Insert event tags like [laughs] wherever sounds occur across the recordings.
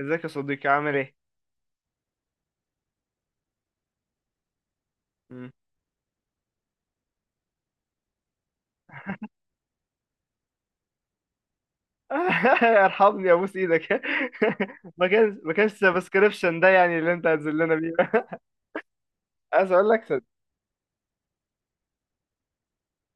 ازيك يا صديقي عامل ايه؟ مم. [laughs] ارحمني ابوس ايدك. [laughs] ما كانش سبسكريبشن ده يعني اللي انت هتذلنا بيه. [laughs] عايز اقول لك صد...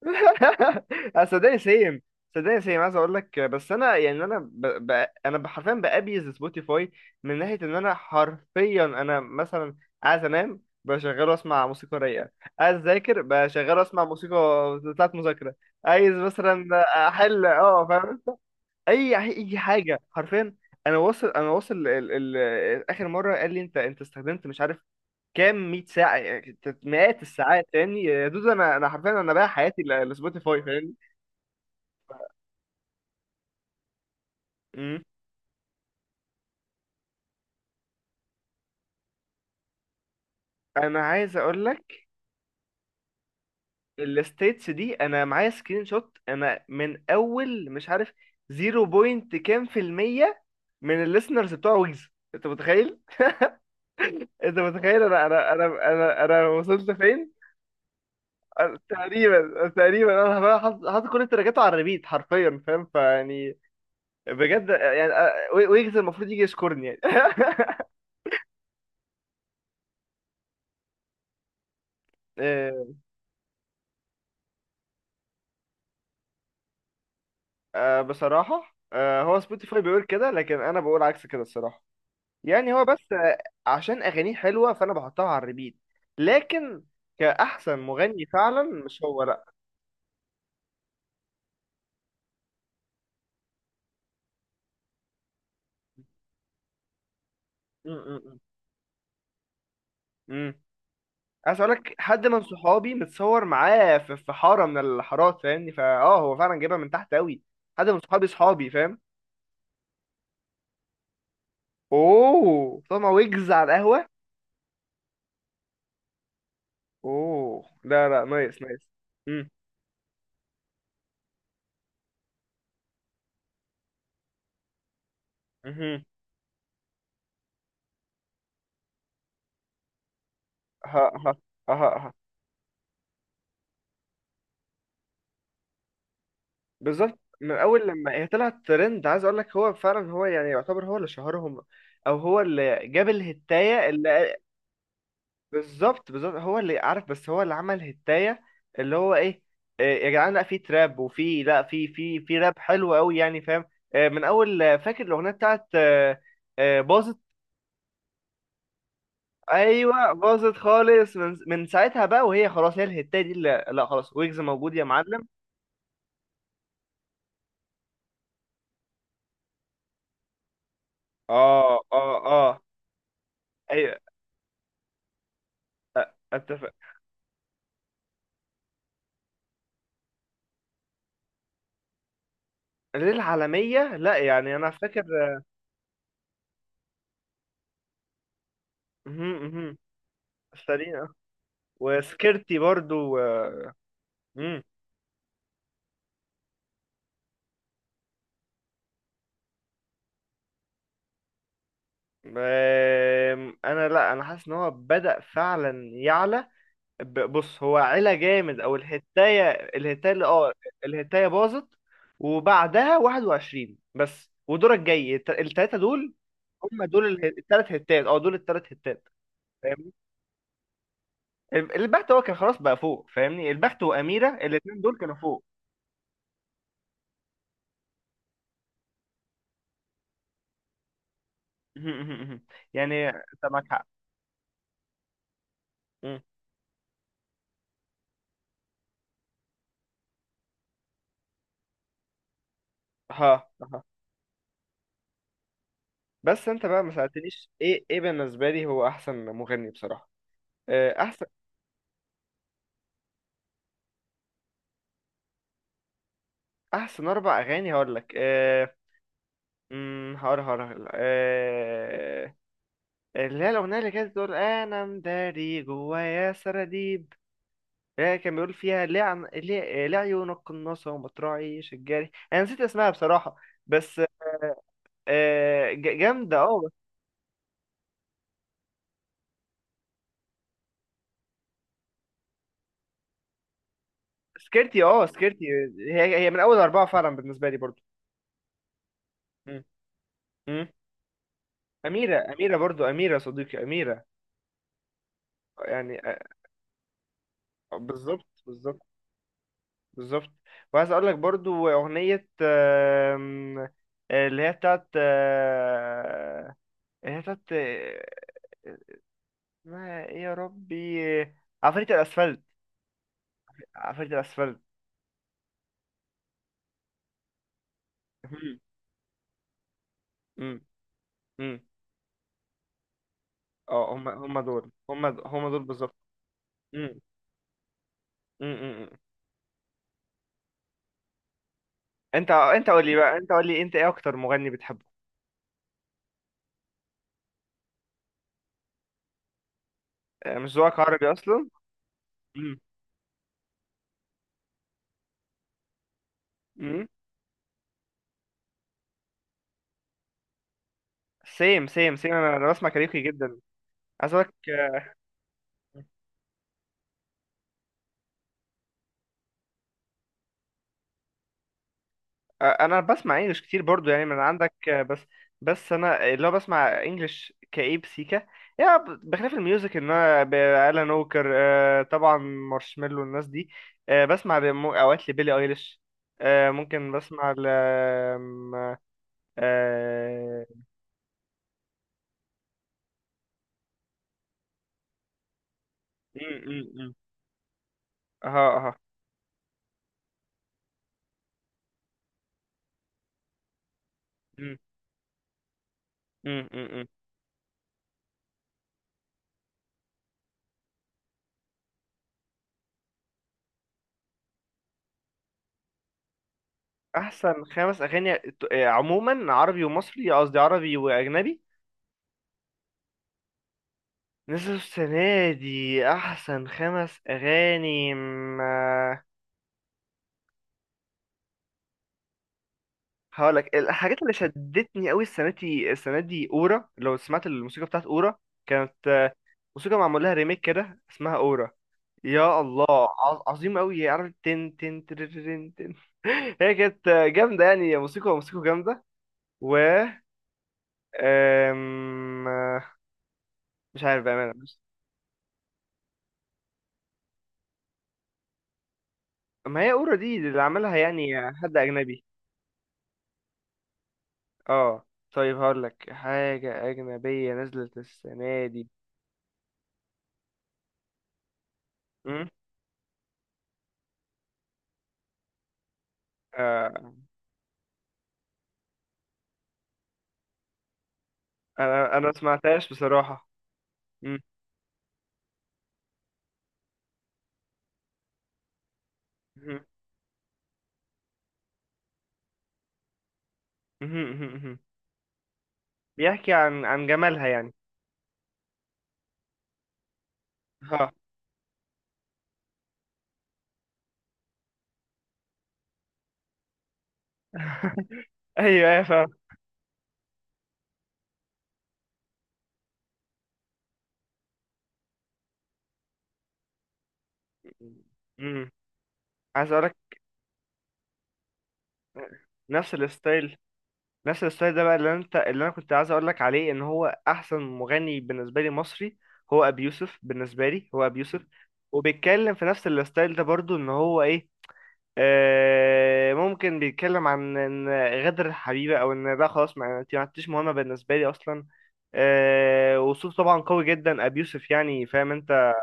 [laughs] صدقني سيم. صدقني سيم عايز اقول لك، بس انا يعني انا ب... ب... انا ب- حرفيا بأبيز سبوتيفاي، من ناحيه ان انا حرفيا، انا مثلا عايز انام بشغله اسمع موسيقى رايقه، عايز اذاكر بشغله اسمع موسيقى بتاعت مذاكره، عايز مثلا احل، فاهم، اي يعني اي حاجه حرفيا. انا واصل انا واصل ال... ال... ال- اخر مره قال لي انت استخدمت مش عارف كام 100 ساعه يعني، مئات الساعات تاني يا دود، انا حرفيا انا بايع حياتي لسبوتيفاي، فاهمني؟ أمم. انا عايز اقول لك، الستيتس دي انا معايا سكرين شوت، انا من اول مش عارف 0 بوينت كام في الميه من الليسنرز بتوع ويجز. انت متخيل؟ انت متخيل انا أنا وصلت فين؟ تقريبا تقريبا انا بقى حاطط كل التراكات على الريبيت حرفيا، فاهم فيعني؟ بجد يعني ويجز المفروض يجي يشكرني يعني. [laughs] آه، بصراحة، هو سبوتيفاي بيقول كده لكن أنا بقول عكس كده الصراحة. يعني هو بس، عشان أغانيه حلوة فأنا بحطها على الريبيت، لكن كأحسن مغني فعلا مش هو، لأ. م- م- م. م. عايز أقولك حد من صحابي متصور معاه في حارة من الحارات فاهمني، فأه هو فعلا جايبها من تحت أوي، حد من صحابي صحابي، فاهم؟ اوه طبعا، ويجز على القهوة. اوه، لا لا، نايس نايس. امم. مهم. ها ها. ها ها. بالظبط، من اول لما هي طلعت ترند عايز اقول لك، هو فعلا، هو يعني يعتبر هو اللي شهرهم، او هو اللي جاب الهتايه اللي، بالظبط بالظبط هو اللي عارف، بس هو اللي عمل هتايه اللي هو ايه، إيه يا جدعان، لا في تراب وفي لا في راب حلو قوي يعني فاهم. من اول، فاكر الاغنيه بتاعت، آه، باظت. ايوه باظت خالص، من ساعتها بقى وهي خلاص، هي الهتايه دي اللي، لا خلاص ويجز موجود يا معلم. اه اه اه. ايوه. اتفق. للعالميه، لا يعني انا فاكر. مهم، مهم. سريع. وسكيرتي برضو. مم. انا لا، انا حاسس ان هو بدأ فعلا يعلى، بص هو علا جامد، او الهتايه الهتايه اللي اه الهتايه باظت، وبعدها 21 بس ودورك جاي التلاته دول. هم دول الثلاث هتات، اه دول الثلاث هتات. فاهمني؟ البحت هو كان خلاص بقى فوق فاهمني، البحت واميره الاثنين دول كانوا فوق. [laughs] يعني انت معاك حق. مم. ها ها. بس انت بقى ما سالتنيش ايه، ايه بالنسبه لي هو احسن مغني بصراحه. احسن. احسن اربع اغاني هقول لك. مم، هقول. اللي هي الاغنيه اللي كانت بتقول انا مداري جوايا سراديب، هي كان بيقول فيها ليه عن... ليه... آه، ليه عيونك قناصة ومطرعي شجاري، أنا نسيت اسمها بصراحة. بس جامدة اه بس. سكرتي اه سكرتي، هي هي من أول أربعة فعلا بالنسبة لي برضو. مم. مم. أميرة أميرة برضو، أميرة صديقي أميرة. يعني آه، بالظبط بالظبط. بالظبط. وعايز أقول لك برضو أغنية، اللي هي بتاعت، اللي هي بتاعت، اسمها إيه يا ربي؟ عفاريت الأسفلت. عفاريت الأسفلت. مم. مم. مم. اه هم هم دول. هم دول بالظبط. مم. مم. مم. انت قول لي بقى، قول لي انت ايه اكتر مغني بتحبه؟ مش ذوقك عربي اصلا. مم. مم. سيم سيم سيم، أنا بسمع كاريوكي جدا. عايز اقولك، انا بسمع انجلش كتير برضو يعني من عندك، بس. بس انا اللي هو بسمع انجلش كئيب سيكا يعني، بخلاف الميوزك ان انا الان ووكر، طبعا مارشميلو الناس دي. بسمع اوقات لبيلي ايليش. ممكن بسمع ل آم، آه، م- م- م. اها اها. م- م- م- م. احسن خمس اغاني عموما عربي ومصري، قصدي عربي واجنبي. نزل السنة دي أحسن خمس أغاني ما. هقولك الحاجات اللي شدتني أوي السنة دي، السنة دي أورا. لو سمعت الموسيقى بتاعت أورا، كانت موسيقى معمول لها ريميك كده اسمها أورا. يا الله، عظيم أوي، عارف؟ تن تن ترررن تن. [laughs] هي كانت جامدة يعني، موسيقى جامدة. و آم، آه، مش عارف بأمانة بس. ما هي أورا دي اللي عملها يعني حد أجنبي. اه. طيب هقول لك حاجة أجنبية نزلت السنة دي. مم؟ آه. أنا ما سمعتهاش بصراحة. مم. مهم. مهم. مهم. مهم. بيحكي عن عن جمالها يعني. ها. [laughs] أيوه أيوه فاهم. مم. عايز أقول لك نفس الستايل. نفس الستايل ده بقى اللي أنت اللي أنا كنت عايز أقول لك عليه، إن هو أحسن مغني بالنسبة لي مصري، هو أبي يوسف. بالنسبة لي هو أبي يوسف، وبيتكلم في نفس الستايل ده برضو إن هو إيه، ممكن بيتكلم عن ان غدر الحبيبه، او ان ده خلاص، ما انت ما عدتيش مهمه بالنسبه لي اصلا. وصوت طبعا قوي جدا ابي يوسف يعني، فاهم انت؟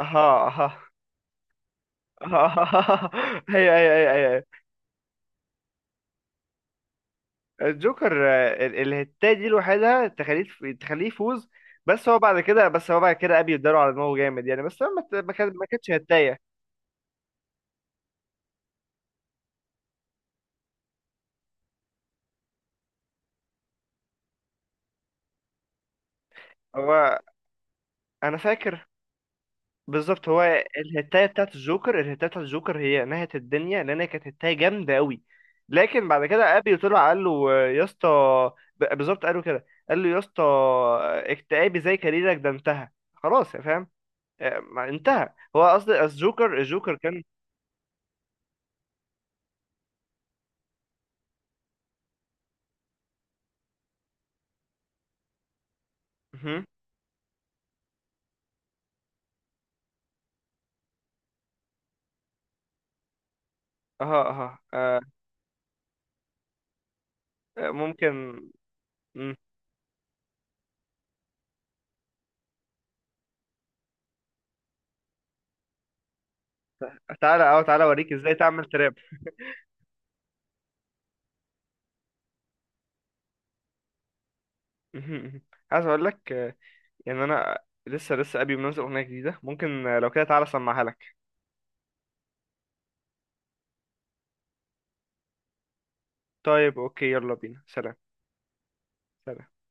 اها اها. اها. هي هي هي هي. [laughs] الجوكر، الهتاية دي لوحدها تخليه، تخليه يفوز. بس هو بعد كده، بس هو بعد كده ابي اداله على دماغه جامد يعني، بس هو ما كانتش هتاية. هو انا فاكر، بالظبط هو الهتاية بتاعت الجوكر، الهتاية بتاعت الجوكر هي نهت الدنيا لان هي كانت هتاية جامدة قوي، لكن بعد كده ابي طلع قال له يا اسطى. بالظبط قال له كده، قال له يا اسطى، اكتئابي زي كاريرك ده انتهى خلاص يا فاهم. ما انتهى هو قصدي، الجوكر الجوكر كان. [laughs] مهم. اها اها. ممكن. مم. تعالى اه تعالى اوريك ازاي تعمل تراب. [laughs] مهم، مهم. عايز اقول لك، يعني انا لسه، لسه ابي منزل اغنية جديدة ممكن، لو كده تعالى اسمعها لك. طيب اوكي يلا بينا، سلام. سلام.